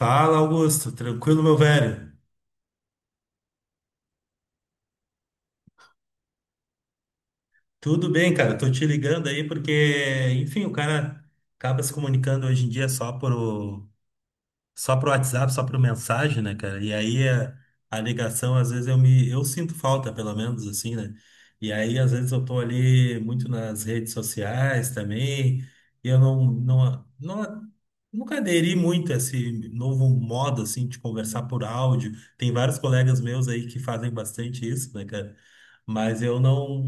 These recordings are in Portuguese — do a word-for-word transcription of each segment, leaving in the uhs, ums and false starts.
Fala, Augusto. Tranquilo, meu velho? Tudo bem, cara. Tô te ligando aí porque, enfim, o cara acaba se comunicando hoje em dia só por, só pro WhatsApp, só pro mensagem, né, cara? E aí a, a ligação, às vezes eu me, eu sinto falta, pelo menos assim, né? E aí às vezes eu tô ali muito nas redes sociais também, e eu não, não, não nunca aderi muito a esse novo modo assim de conversar por áudio. Tem vários colegas meus aí que fazem bastante isso, né, cara? Mas eu não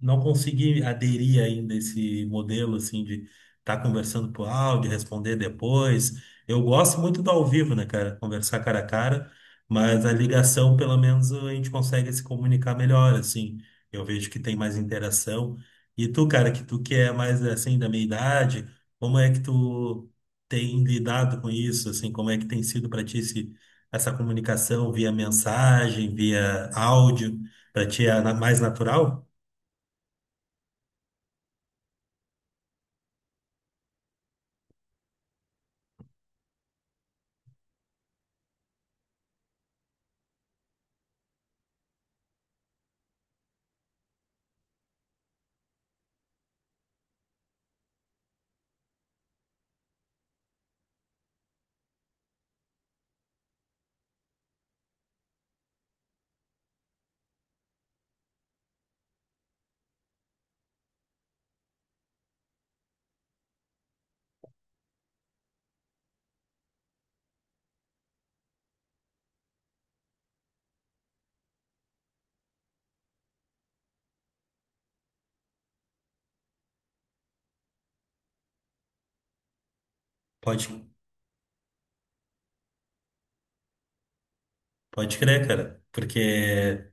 não consegui aderir ainda a esse modelo assim de estar conversando por áudio, responder depois. Eu gosto muito do ao vivo, né, cara? Conversar cara a cara, mas a ligação, pelo menos, a gente consegue se comunicar melhor, assim. Eu vejo que tem mais interação. E tu, cara, que tu que é mais, assim, da minha idade, como é que tu tem lidado com isso, assim? Como é que tem sido para ti esse, essa comunicação via mensagem, via áudio? Para ti é na- mais natural? Pode, pode crer, cara. Porque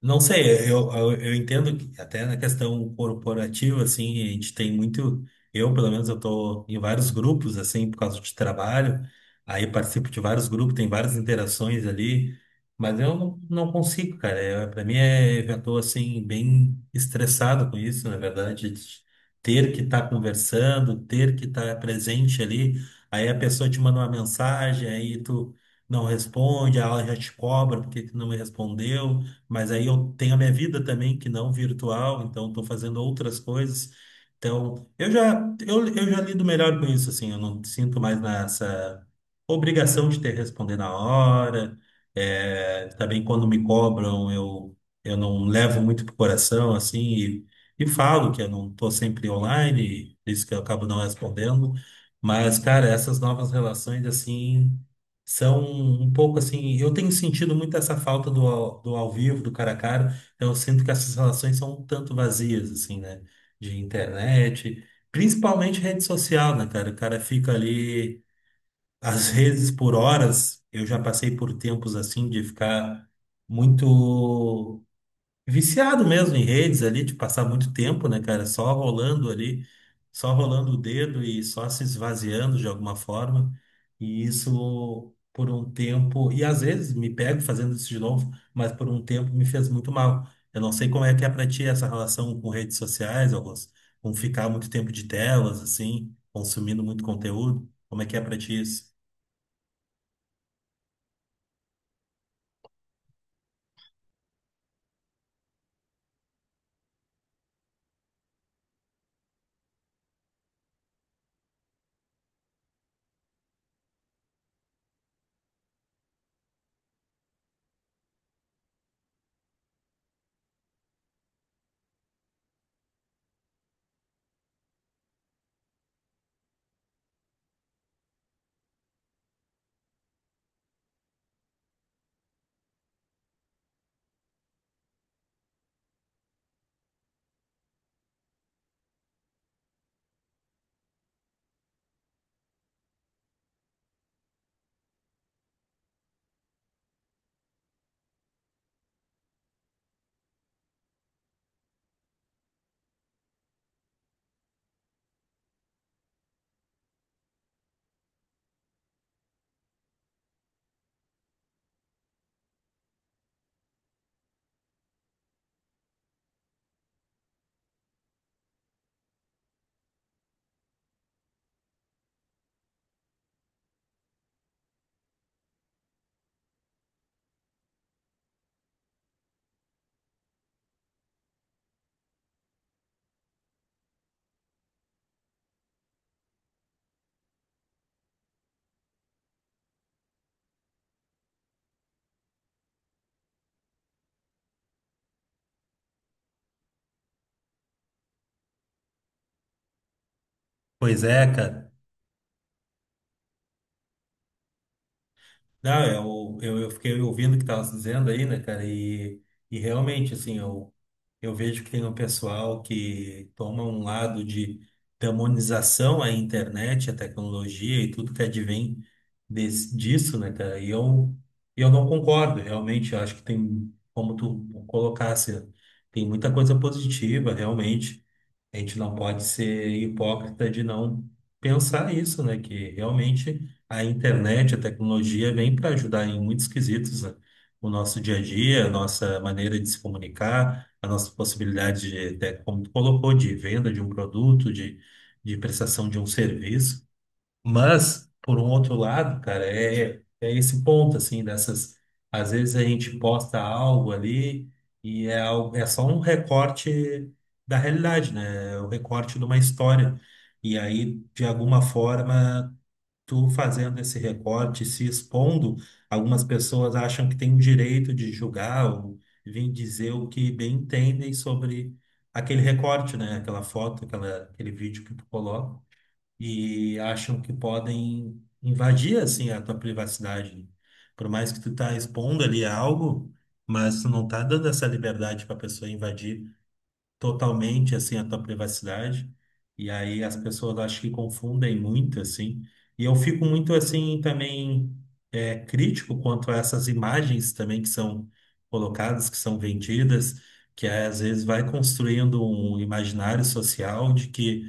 não sei, eu, eu, eu entendo que até na questão corporativa, assim, a gente tem muito. Eu, pelo menos, eu tô em vários grupos, assim, por causa de trabalho, aí participo de vários grupos, tem várias interações ali, mas eu não, não consigo, cara. Eu, pra mim, é, eu já tô, assim, bem estressado com isso, na verdade, de ter que estar conversando, ter que estar presente ali, aí a pessoa te manda uma mensagem, aí tu não responde, aí ela já te cobra porque tu não me respondeu, mas aí eu tenho a minha vida também que não virtual, então estou fazendo outras coisas. Então, eu já eu, eu já lido melhor com isso, assim, eu não sinto mais nessa obrigação de ter que responder na hora. É, também quando me cobram, eu eu não levo muito pro coração, assim, e, e falo que eu não estou sempre online, e por isso que eu acabo não respondendo. Mas, cara, essas novas relações, assim, são um pouco assim. Eu tenho sentido muito essa falta do, ao- do ao vivo, do cara a cara. Então, eu sinto que essas relações são um tanto vazias, assim, né? De internet, principalmente rede social, né, cara? O cara fica ali, às vezes, por horas. Eu já passei por tempos assim de ficar muito viciado mesmo em redes ali, de passar muito tempo, né, cara? Só rolando ali, só rolando o dedo e só se esvaziando de alguma forma. E isso por um tempo, e às vezes me pego fazendo isso de novo, mas por um tempo me fez muito mal. Eu não sei como é que é pra ti essa relação com redes sociais, Augusto, com ficar muito tempo de telas, assim, consumindo muito conteúdo. Como é que é pra ti isso? Pois é, cara. Não, eu, eu, eu fiquei ouvindo o que estava dizendo aí, né, cara? E, e realmente, assim, eu, eu vejo que tem um pessoal que toma um lado de demonização à internet, à tecnologia e tudo que advém desse, disso, né, cara? E eu, eu não concordo, realmente. Eu acho que tem, como tu colocasse, tem muita coisa positiva, realmente. A gente não pode ser hipócrita de não pensar isso, né? Que realmente a internet, a tecnologia vem para ajudar em muitos quesitos, né? O nosso dia a dia, a nossa maneira de se comunicar, a nossa possibilidade de, até como tu colocou, de venda de um produto, de, de prestação de um serviço. Mas, por um outro lado, cara, é, é é esse ponto, assim, dessas. Às vezes a gente posta algo ali e é, algo- é só um recorte da realidade, né? É o recorte de uma história. E aí, de alguma forma, tu fazendo esse recorte, se expondo, algumas pessoas acham que tem o direito de julgar ou vir dizer o que bem entendem sobre aquele recorte, né? Aquela foto, aquela, aquele vídeo que tu coloca e acham que podem invadir assim a tua privacidade. Por mais que tu tá expondo ali algo, mas tu não tá dando essa liberdade para a pessoa invadir totalmente assim a tua privacidade. E aí as pessoas acho que confundem muito assim. E eu fico muito assim também é, crítico quanto a essas imagens também que são colocadas, que são vendidas, que às vezes vai construindo um imaginário social de que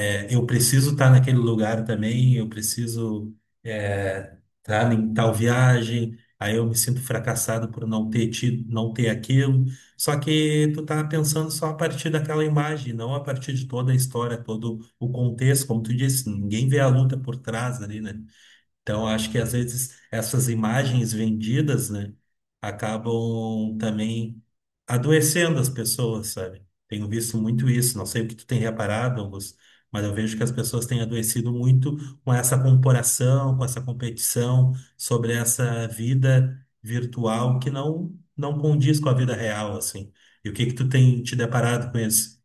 é, eu preciso estar naquele lugar também, eu preciso é, estar em tal viagem, aí eu me sinto fracassado por não ter tido, não ter aquilo. Só que tu tá pensando só a partir daquela imagem, não a partir de toda a história, todo o contexto, como tu disse, ninguém vê a luta por trás ali, né? Então, acho que às vezes essas imagens vendidas, né, acabam também adoecendo as pessoas, sabe? Tenho visto muito isso. Não sei o que tu tem reparado, Augusto, mas eu vejo que as pessoas têm adoecido muito com essa comparação, com essa competição sobre essa vida virtual que não não condiz com a vida real, assim. E o que que tu tem te deparado com isso?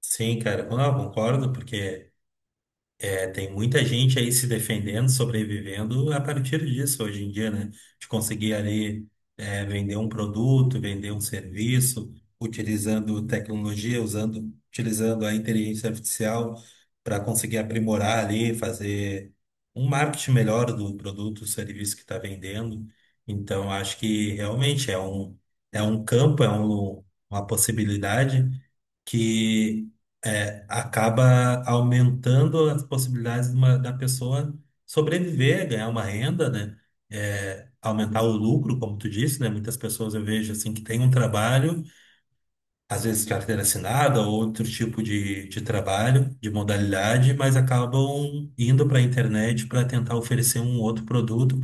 Sim, cara, não, eu concordo, porque é, tem muita gente aí se defendendo, sobrevivendo a partir disso hoje em dia, né? De conseguir ali é, vender um produto, vender um serviço, utilizando tecnologia, usando, utilizando a inteligência artificial para conseguir aprimorar ali, fazer um marketing melhor do produto, do serviço que está vendendo. Então, acho que realmente é um, é um campo, é um, uma possibilidade que é, acaba aumentando as possibilidades de uma- da pessoa sobreviver, ganhar uma renda, né? É, aumentar o lucro, como tu disse, né? Muitas pessoas eu vejo assim que têm um trabalho, às vezes carteira assinada ou outro tipo de, de trabalho, de modalidade, mas acabam indo para a internet para tentar oferecer um outro produto,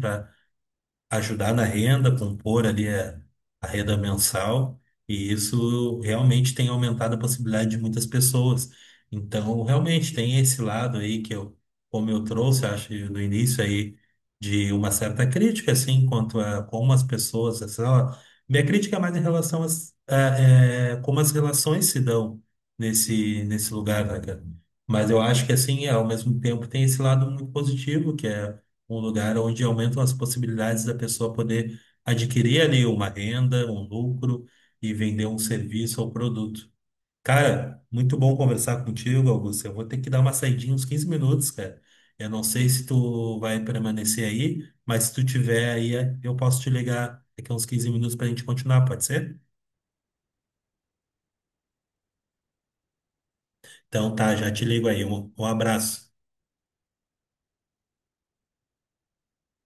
ajudar na renda, compor ali a, a renda mensal, e isso realmente tem aumentado a possibilidade de muitas pessoas. Então, realmente tem esse lado aí que eu, como eu trouxe, acho, no início aí, de uma certa crítica, assim, quanto a como as pessoas, assim, ó, minha crítica é mais em relação às- a, é, como as relações se dão nesse, nesse lugar, né, cara? Mas eu acho que, assim, ao mesmo tempo tem esse lado muito positivo, que é um lugar onde aumentam as possibilidades da pessoa poder adquirir ali uma renda, um lucro e vender um serviço ou produto. Cara, muito bom conversar contigo, Augusto. Eu vou ter que dar uma saidinha uns quinze minutos, cara. Eu não sei se tu vai permanecer aí, mas se tu tiver aí, é, eu posso te ligar daqui a uns quinze minutos pra gente continuar, pode ser? Então tá, já te ligo aí. Um, um abraço.